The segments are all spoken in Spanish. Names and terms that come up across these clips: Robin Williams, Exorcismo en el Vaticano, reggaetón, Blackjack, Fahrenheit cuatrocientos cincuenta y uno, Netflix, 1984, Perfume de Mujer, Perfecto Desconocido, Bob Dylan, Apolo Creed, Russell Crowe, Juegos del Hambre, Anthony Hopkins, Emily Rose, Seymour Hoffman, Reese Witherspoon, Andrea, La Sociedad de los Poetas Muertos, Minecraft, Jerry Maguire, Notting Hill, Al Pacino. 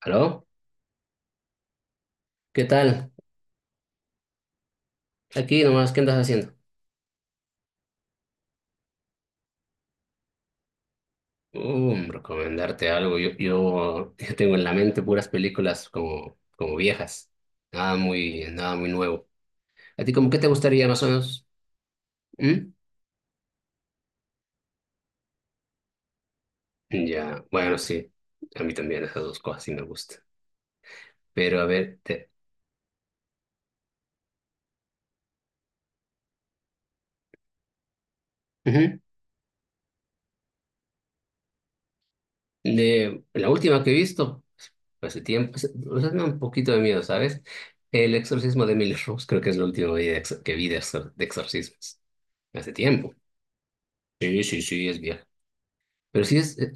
¿Aló? ¿Qué tal? Aquí nomás, ¿qué andas haciendo? Recomendarte algo. Yo, yo tengo en la mente puras películas como viejas. Nada muy nuevo. ¿A ti como qué te gustaría más o menos? ¿Mm? Ya, bueno, sí. A mí también esas dos cosas sí me gustan. Pero a ver, te... Ujú. De la última que he visto, hace tiempo, o sea, me da un poquito de miedo, ¿sabes? El exorcismo de Emily Rose, creo que es lo último que de exorcismos. Hace tiempo. Sí, sí, sí, es vieja. Pero sí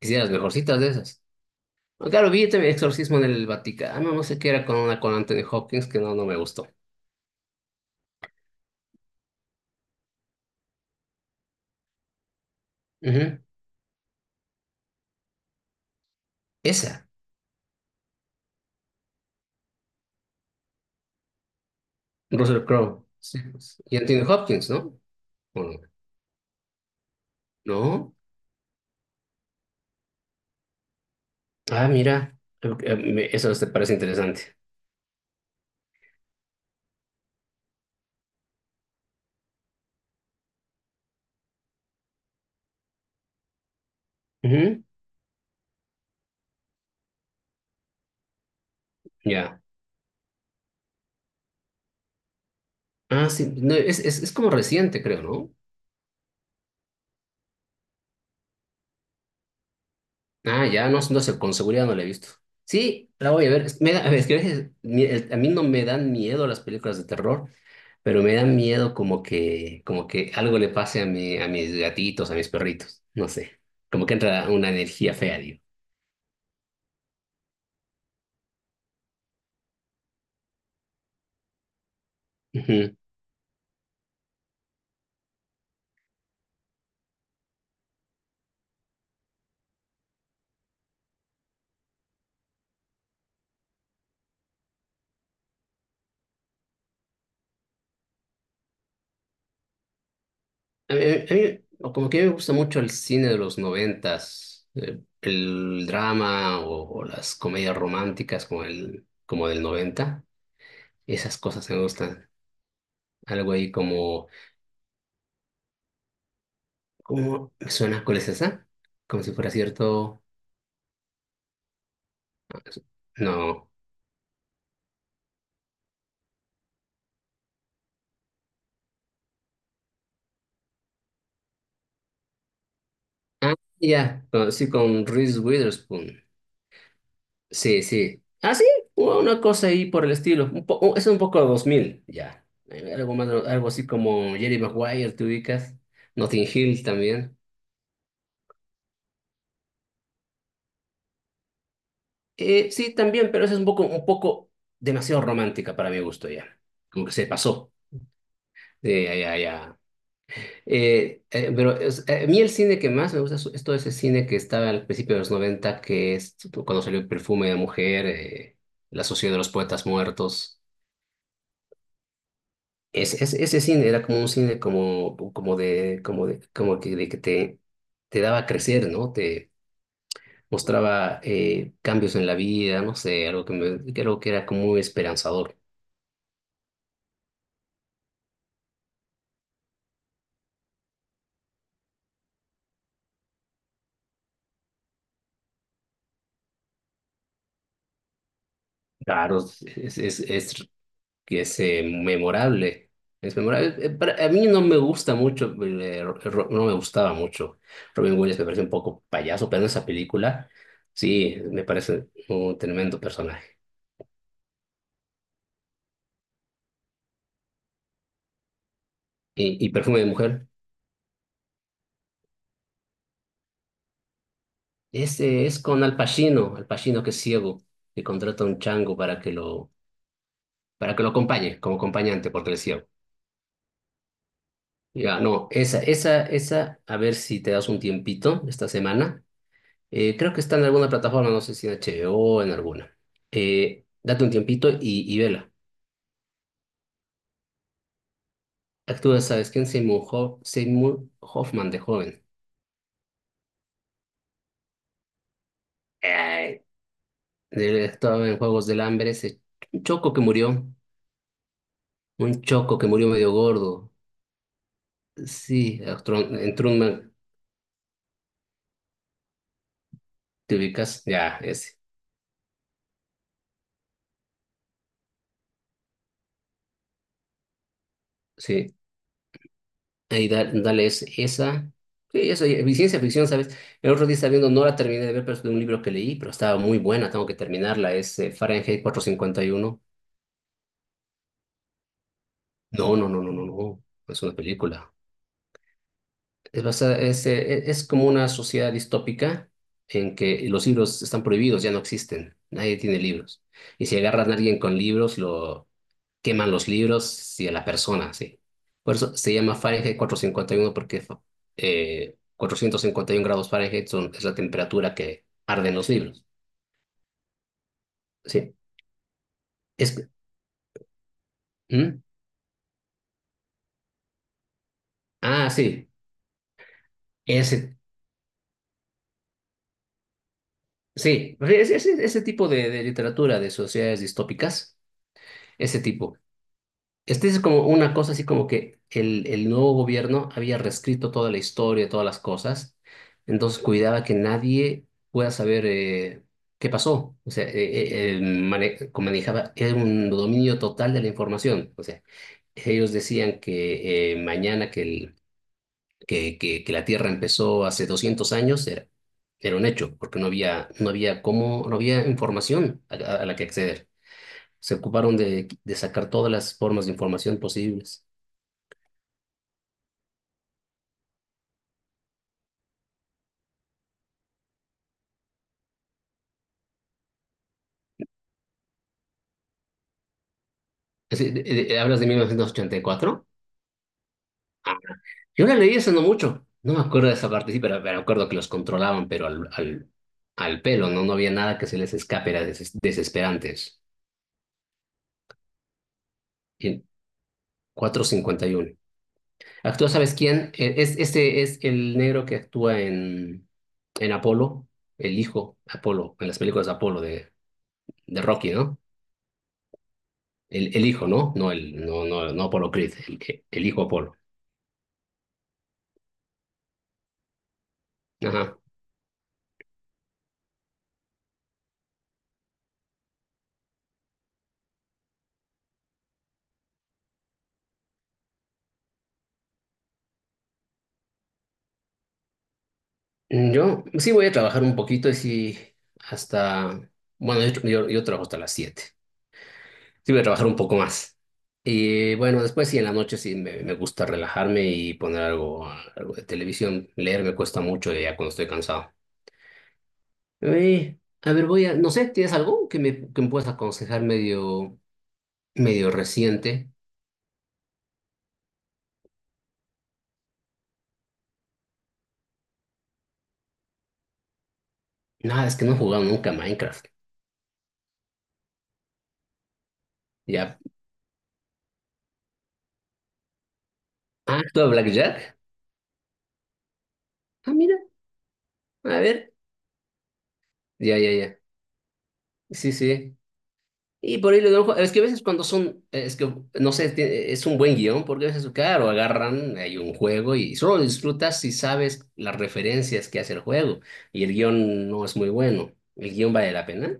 es de las mejorcitas de esas. Pues claro, vi también Exorcismo en el Vaticano, no sé qué era con una con Anthony Hopkins que no me gustó. Ujú. Esa, Russell Crowe. Sí, pues. Y Anthony Hopkins, ¿no? ¿O no? ¿No? Ah, mira, eso te parece interesante. Ujú. Ya. Ah, sí, no, es como reciente, creo, ¿no? Ah, ya, no, no sé, con seguridad no la he visto. Sí, la voy a ver. A ver, es que a veces a mí no me dan miedo las películas de terror. Pero me da miedo como que algo le pase a a mis gatitos, a mis perritos, no sé. Como que entra una energía fea, digo. Ujú. A mí, o como que me gusta mucho el cine de los noventas, el drama o las comedias románticas como como del noventa. Esas cosas me gustan. Algo ahí como, ¿cómo me suena? ¿Cuál es esa? Como si fuera cierto. No. Ah, ya. Sí, con Reese Witherspoon. Sí, sí. Ah, sí, una cosa ahí por el estilo. Es un poco 2000 ya. Algo más, algo así como Jerry Maguire, te ubicas. Notting Hill también. Sí, también, pero esa es un poco demasiado romántica para mi gusto ya. Como que se pasó. Ya, ya, ya. Pero es- A mí el cine que más me gusta es todo ese cine que estaba al principio de los noventa, que es cuando salió Perfume de Mujer, La Sociedad de los Poetas Muertos. Ese cine era como un cine como, como de, como de, como que, de que te daba a crecer, ¿no? Te mostraba cambios en la vida, no sé, algo que algo que era como muy esperanzador. Claro, es, es, es, que es memorable. Es memorable. A mí no me gusta mucho, no me gustaba mucho. Robin Williams me parece un poco payaso, pero en esa película sí, me parece un tremendo personaje. Y Perfume de Mujer? Este es con Al Pacino, Al Pacino que es ciego, que contrata a un chango para que para que lo acompañe como acompañante porque él es ciego. Ya, no, esa, a ver si te das un tiempito esta semana. Creo que está en alguna plataforma, no sé si en HBO o en alguna. Date un tiempito y vela. Actúa, ¿sabes quién? Seymour Hoffman de joven. Eh, Él actuaba en Juegos del Hambre, ese choco que murió, un choco que murió medio gordo. Sí, entró, entró. ¿Te ubicas? Ya, ese. Sí. Ahí dale esa. Sí, eso, y ciencia ficción, ¿sabes? El otro día estaba viendo, no la terminé de ver, pero es de un libro que leí, pero estaba muy buena, tengo que terminarla. Es Fahrenheit cuatrocientos cincuenta y uno. No, no, no, no, no, no. Es una película. Es, basada- es, e- Es como una sociedad distópica en que los libros están prohibidos, ya no existen. Nadie tiene libros. Y si agarran a alguien con libros, queman los libros y a las personas, sí. Por eso se llama Fahrenheit cuatrocientos cincuenta y uno, porque 451 grados Fahrenheit es la temperatura que arden los libros. Sí. Es. ¿Mm? Ah, sí. Ese, sí. Ese tipo de literatura de sociedades distópicas, ese tipo. Este es como una cosa así como que el nuevo gobierno había reescrito toda la historia, todas las cosas, entonces cuidaba que nadie pueda saber qué pasó. O sea, como manejaba, era un dominio total de la información. O sea, ellos decían que mañana que, el- que la Tierra empezó hace 200 años era un hecho, porque no había cómo, no había información a la que acceder. Se ocuparon de sacar todas las formas de información posibles. ¿Hablas de 1984? Ah, yo la leí hace no mucho. No me acuerdo de esa parte, sí, pero me acuerdo que los controlaban, pero al pelo, ¿no? No había nada que se les escape, eran desesperantes. Y 451. Actúa, ¿sabes quién? Este es el negro que actúa en Apolo, el hijo Apolo, en las películas de Apolo de Rocky, ¿no? El hijo, ¿no? No, el, no, no, no Apolo Creed, el hijo Apolo. Ajá. Yo sí voy a trabajar un poquito y sí, hasta, bueno, yo trabajo hasta las 7. Sí voy a trabajar un poco más. Y bueno, después sí, en la noche sí me gusta relajarme y poner algo, algo de televisión. Leer me cuesta mucho ya cuando estoy cansado. A ver, voy a, no sé, ¿tienes algo que me puedas aconsejar medio reciente? Nada, es que no he jugado nunca a Minecraft. Ya. Ah, ¿tú a Blackjack? Ah, mira, a ver. Ya, ya, ya. Sí, sí. Y por ahí le doy un Es que a veces cuando son, es que no sé, es un buen guión, porque a veces, claro, agarran, hay un juego y solo lo disfrutas si sabes las referencias que hace el juego. Y el guión no es muy bueno. ¿El guión vale la pena?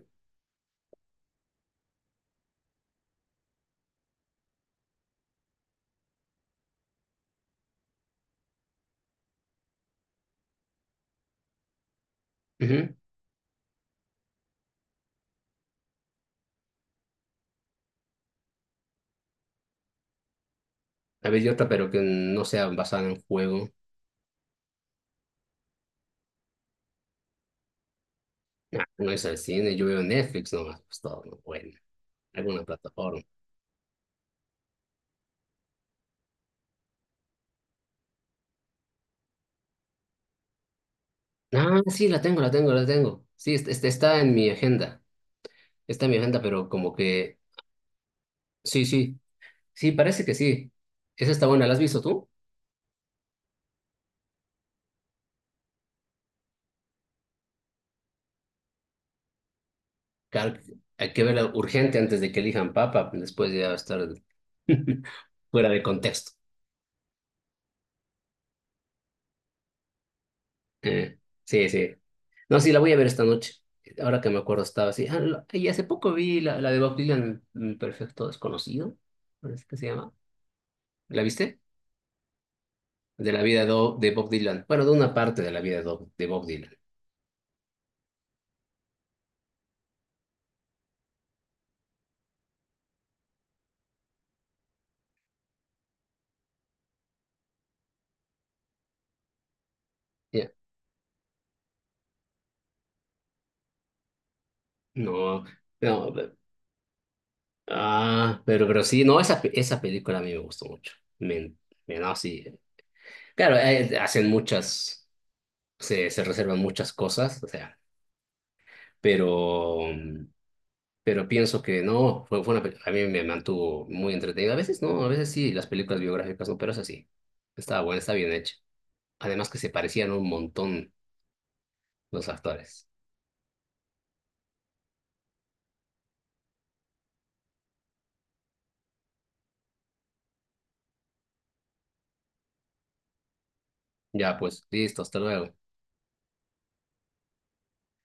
Ujú. A ver, y otra, pero que no sea basada en juego. Ah, no es el cine, yo veo Netflix nomás, pues todo, ¿no? Bueno, alguna plataforma. Ah, sí, la tengo. Sí, este está en mi agenda. Está en mi agenda, pero como que. Sí, sí. Sí, parece que sí. Esa está buena. ¿La has visto tú? Claro, que hay que verla urgente antes de que elijan papa. Después ya va a estar fuera de contexto. Sí, sí. No, sí, la voy a ver esta noche. Ahora que me acuerdo, estaba así. Ah, y hace poco vi la de Bob Dylan, Perfecto Desconocido. Parece que se llama. ¿La viste? De la de Bob Dylan. Bueno, de una parte de la de Bob Dylan. Ya. No, no. Ah, pero sí, no, esa película a mí me gustó mucho. Me, no, sí. Claro, hacen muchas, se reservan muchas cosas, o sea, pero, pero pienso que no, fue una, a mí me mantuvo muy entretenida. A veces no, a veces sí, las películas biográficas no, pero es así. Estaba buena, está bien hecha. Además que se parecían un montón los actores. Ya, pues, listo, hasta luego.